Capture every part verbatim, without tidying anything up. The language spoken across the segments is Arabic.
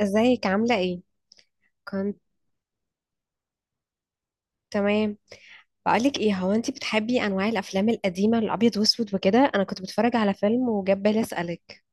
ازيك عاملة ايه؟ كنت تمام. بقولك ايه، هو انتي بتحبي انواع الافلام القديمة الابيض واسود وكده؟ انا كنت بتفرج على فيلم وجاب بالي اسألك.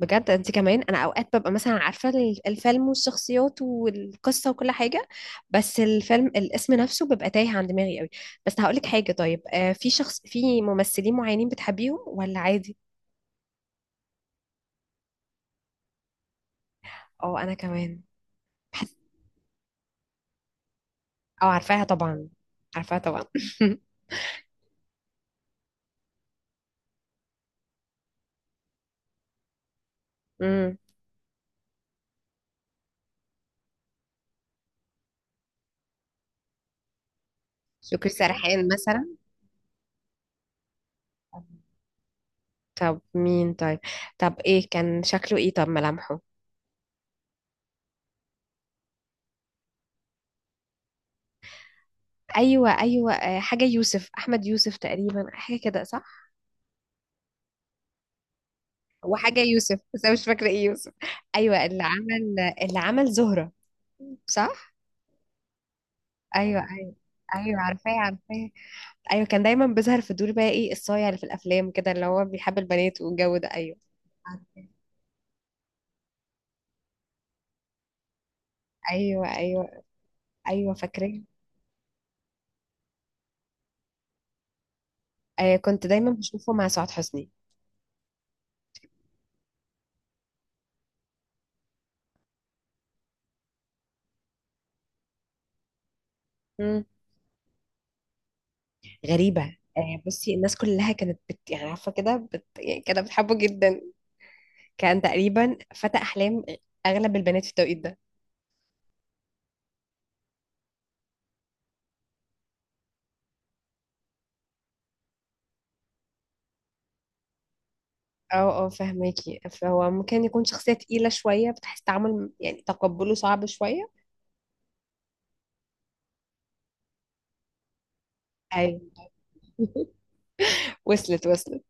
بجد؟ انتي كمان؟ انا اوقات ببقى مثلا عارفة ال- الفيلم والشخصيات والقصة وكل حاجة، بس الفيلم الاسم نفسه بيبقى تايه عن دماغي قوي. بس هقولك حاجة، طيب آه، في شخص في ممثلين معينين بتحبيهم ولا عادي؟ اه، انا كمان. بحس. اه، عارفاها طبعا، عارفاها طبعا. امم شكري سرحان مثلا. طب مين طيب؟ طب ايه كان شكله؟ ايه طب ملامحه؟ ايوه ايوه، آه، حاجه يوسف، احمد يوسف تقريبا، حاجه كده صح. وحاجه يوسف، بس انا مش فاكره ايه يوسف. ايوه، اللي عمل اللي عمل زهره. صح. ايوه ايوه. ايوه، عارفاه عارفاه. ايوه كان دايما بيظهر في دور، بقى ايه الصايع اللي في الافلام كده، اللي هو بيحب البنات والجو ده، ايوه عارفاه، ايوه ايوه، ايوه فاكراه. آه، كنت دايما بشوفه مع سعاد حسني. مم. غريبة. آه، بصي، الناس كلها كانت بت... يعني عارفة كده بت... يعني كانت بتحبه جدا، كان تقريبا فتى أحلام أغلب البنات في التوقيت ده. اه اه، فهماكي، فهو ممكن يكون شخصية تقيلة شوية، بتحس تعامل يعني تقبله صعب شوية. أيوة. وصلت وصلت.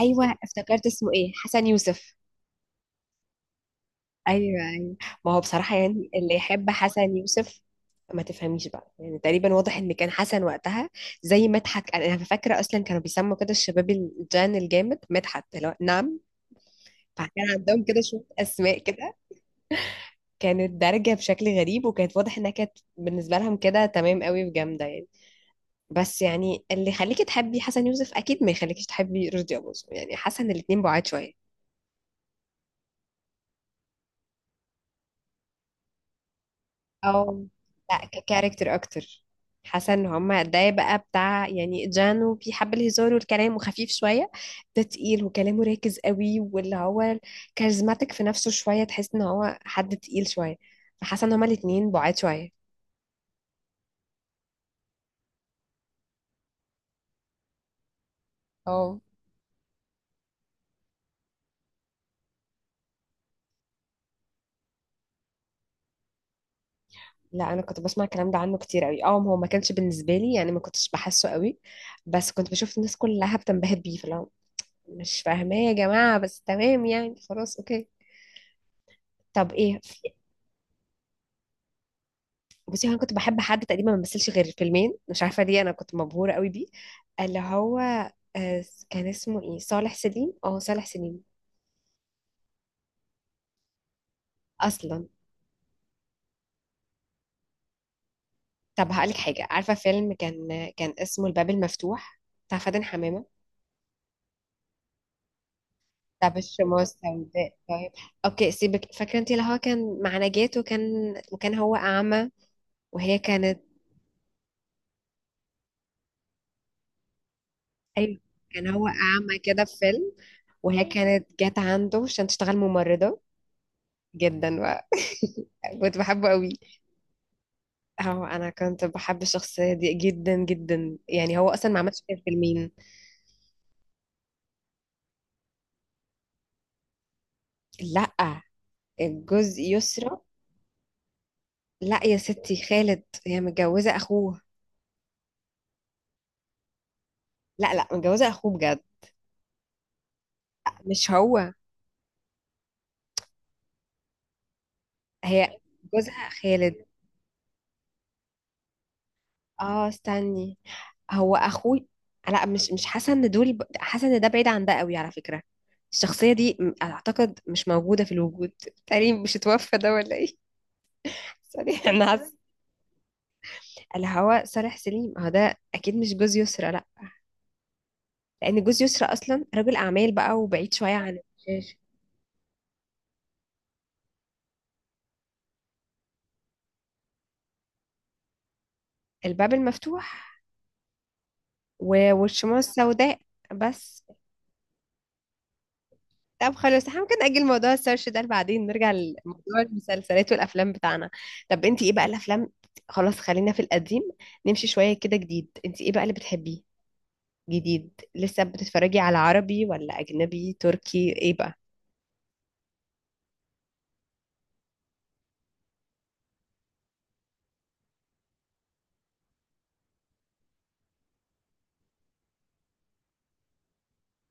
أيوة، افتكرت اسمه ايه، حسن يوسف. ايوه ايوه. ما هو بصراحه يعني اللي يحب حسن يوسف، ما تفهميش بقى، يعني تقريبا واضح ان كان حسن وقتها زي مدحت. انا أنا فاكره اصلا كانوا بيسموا كده الشباب الجان الجامد مدحت، اللي هو نعم. فكان عندهم كده شويه اسماء كده، كانت دارجه بشكل غريب، وكانت واضح انها كانت بالنسبه لهم كده تمام قوي وجامده يعني. بس يعني اللي يخليكي تحبي حسن يوسف اكيد ما يخليكيش تحبي رشدي اباظة، يعني حسن الاتنين بعاد شويه. او، لا، ككاركتر اكتر. حاسه ان هما، ده بقى بتاع يعني جانو، بيحب الهزار والكلام وخفيف شويه، ده تقيل وكلامه راكز قوي، واللي هو كاريزماتيك في نفسه شويه، تحس ان هو حد تقيل شويه، فحاسه ان هما الاتنين بعاد شويه. اه. لا، انا كنت بسمع الكلام ده عنه كتير قوي، اه هو ما كانش بالنسبه لي يعني، ما كنتش بحسه قوي، بس كنت بشوف الناس كلها بتنبهر بيه. فلو مش فاهماه يا جماعه، بس تمام يعني، خلاص اوكي. طب ايه؟ بصي هو انا كنت بحب حد تقريبا ما مثلش غير فيلمين، مش عارفه ليه انا كنت مبهوره قوي بيه، اللي هو آه، كان اسمه ايه؟ صالح سليم، اه صالح سليم اصلا. طب هقولك حاجه، عارفه فيلم كان كان اسمه الباب المفتوح بتاع فاتن حمامه، بتاع بالشموع السوداء، طيب اوكي سيبك، فاكره انت اللي هو كان مع نجاة، وكان وكان هو اعمى، وهي كانت، ايوه، كان هو اعمى كده في فيلم، وهي كانت جت عنده عشان تشتغل ممرضه. جدا بقى. كنت بحبه قوي. هو انا كنت بحب الشخصيه دي جدا جدا يعني، هو اصلا ما عملش كده في فيلمين. لا، الجزء يسرا. لا يا ستي، خالد، هي متجوزه اخوه. لا لا، متجوزه اخوه بجد، مش هو. هي جوزها خالد. اه، استني، هو اخوه. لا، مش مش حاسه ان دول ب- حاسه ان ده بعيد عن ده قوي على فكره، الشخصيه دي م- اعتقد مش موجوده في الوجود تقريبا، مش اتوفى ده ولا ايه؟ صالح، انا حاسه اللي هو صالح سليم، هو ده اكيد مش جوز يسرا. لا، لان جوز يسرى اصلا رجل اعمال بقى، وبعيد شويه عن الشاشه. الباب المفتوح و- والشموع السوداء بس. طب خلاص، احنا ممكن نأجل موضوع السيرش ده، بعدين نرجع لموضوع المسلسلات والافلام بتاعنا. طب انت ايه بقى الافلام؟ خلاص، خلينا في القديم، نمشي شويه كده جديد، انت ايه بقى اللي بتحبيه جديد؟ لسه بتتفرجي على عربي ولا اجنبي، تركي، ايه بقى؟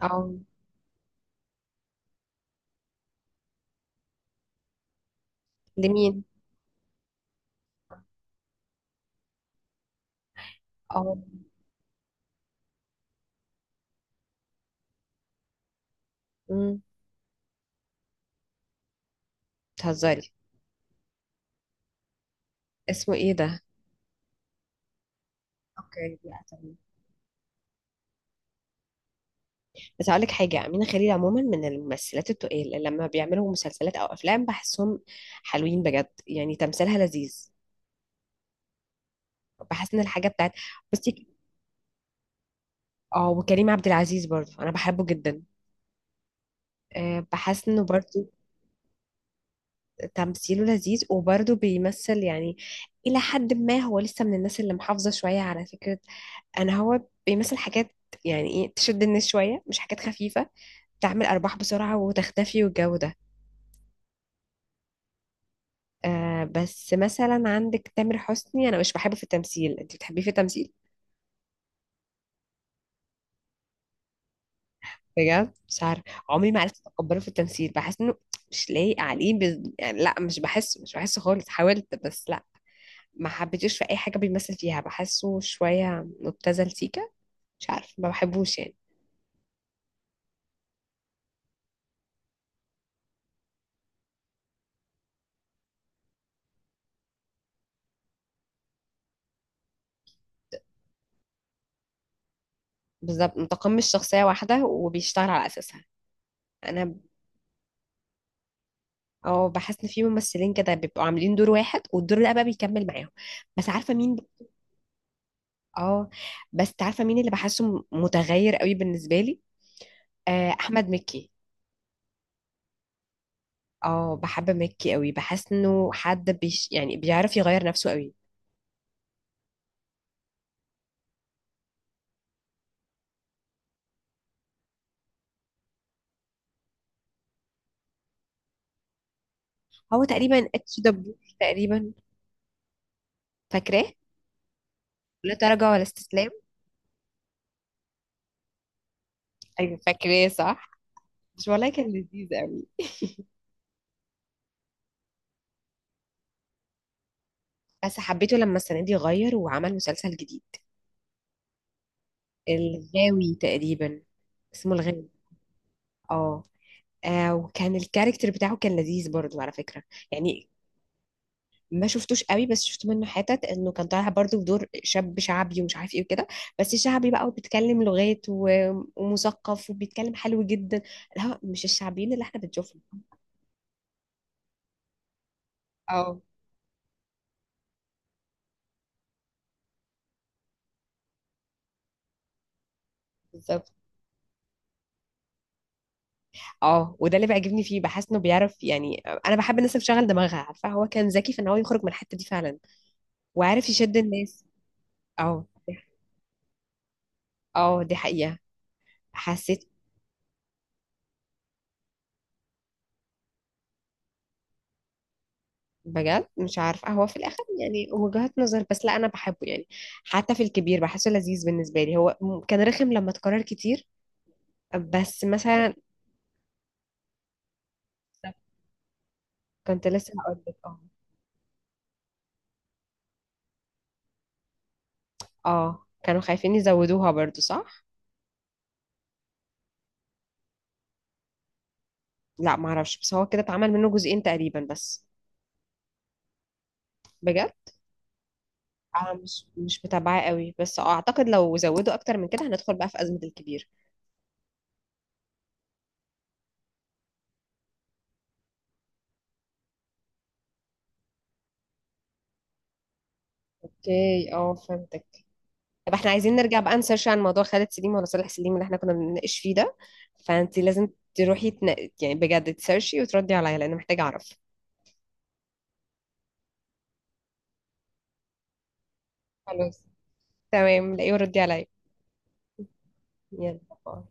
اه. لمين؟ اه. امم. بتهزري. اسمه ايه ده؟ اوكي. بس هقول لك حاجه، امينه خليل عموما من الممثلات التقال اللي لما بيعملوا مسلسلات او افلام بحسهم حلوين بجد، يعني تمثيلها لذيذ. بحس ان الحاجه بتاعت، بصي، اه، وكريم عبد العزيز برضه انا بحبه جدا، أه بحس انه برضه تمثيله لذيذ، وبرضه بيمثل يعني الى حد ما هو لسه من الناس اللي محافظه شويه على فكره. انا، هو بيمثل حاجات يعني ايه تشد الناس شويه، مش حاجات خفيفه تعمل ارباح بسرعه وتختفي والجو ده. آه بس مثلا عندك تامر حسني، انا مش بحبه في التمثيل، انت بتحبيه في التمثيل؟ بجد مش عارف، عمري ما عرفت اتقبله في التمثيل، بحس انه مش لايق عليه بز... يعني لا، مش بحسه مش بحسه خالص، حاولت بس لا، ما حبيتوش في اي حاجه بيمثل فيها، بحسه شويه مبتذل سيكا، مش عارف، ما بحبوش يعني. بالظبط، متقمص شخصيه واحده وبيشتغل على اساسها. انا اه، بحس ان في ممثلين كده بيبقوا عاملين دور واحد، والدور ده بقى بيكمل معاهم. بس عارفه مين اه بس عارفه مين اللي بحسه م- متغير قوي بالنسبه لي؟ آه، احمد مكي. اه، بحب مكي قوي، بحس انه حد بيش يعني بيعرف يغير نفسه قوي. هو تقريبا اتش دبور تقريبا، فاكراه لا تراجع ولا استسلام؟ ايوه فاكراه صح. مش والله كان لذيذ قوي. بس حبيته لما السنه دي غير، وعمل مسلسل جديد، الغاوي تقريبا، اسمه الغاوي اه. آه، وكان الكاركتر بتاعه كان لذيذ برضو على فكرة، يعني ما شفتوش قوي، بس شفت منه حتت انه كان طالع برضو بدور شاب شعبي ومش عارف ايه وكده، بس شعبي بقى وبيتكلم لغات و- ومثقف وبيتكلم حلو جدا، لا مش الشعبيين اللي احنا بنشوفهم. اه، بالظبط. اه، وده اللي بيعجبني فيه، بحس انه بيعرف يعني، انا بحب الناس اللي بتشغل دماغها، عارفه هو كان ذكي في ان هو يخرج من الحته دي فعلا، وعارف يشد الناس. اه، اه، دي حقيقه، حسيت. بجد مش عارفة، هو في الآخر يعني وجهات نظر، بس لا أنا بحبه يعني. حتى في الكبير بحسه لذيذ بالنسبة لي، هو م- كان رخم لما اتكرر كتير، بس مثلا كنت لسه هقول لك اه. اه، كانوا خايفين يزودوها برضو صح؟ لا معرفش، بس هو كده اتعمل منه جزئين تقريبا بس. بجد؟ أنا مش مش متابعة قوي، بس أعتقد لو زودوا أكتر من كده هندخل بقى في أزمة الكبير. اوكي اه، فهمتك. طب احنا عايزين نرجع بقى نسيرش عن موضوع خالد سليم ولا صالح سليم اللي احنا كنا بنناقش فيه ده، فانت لازم تروحي تنا... يعني بجد تسيرشي وتردي عليا لان محتاجة اعرف. خلاص، تمام، لاقيه وردي عليا. يلا باي.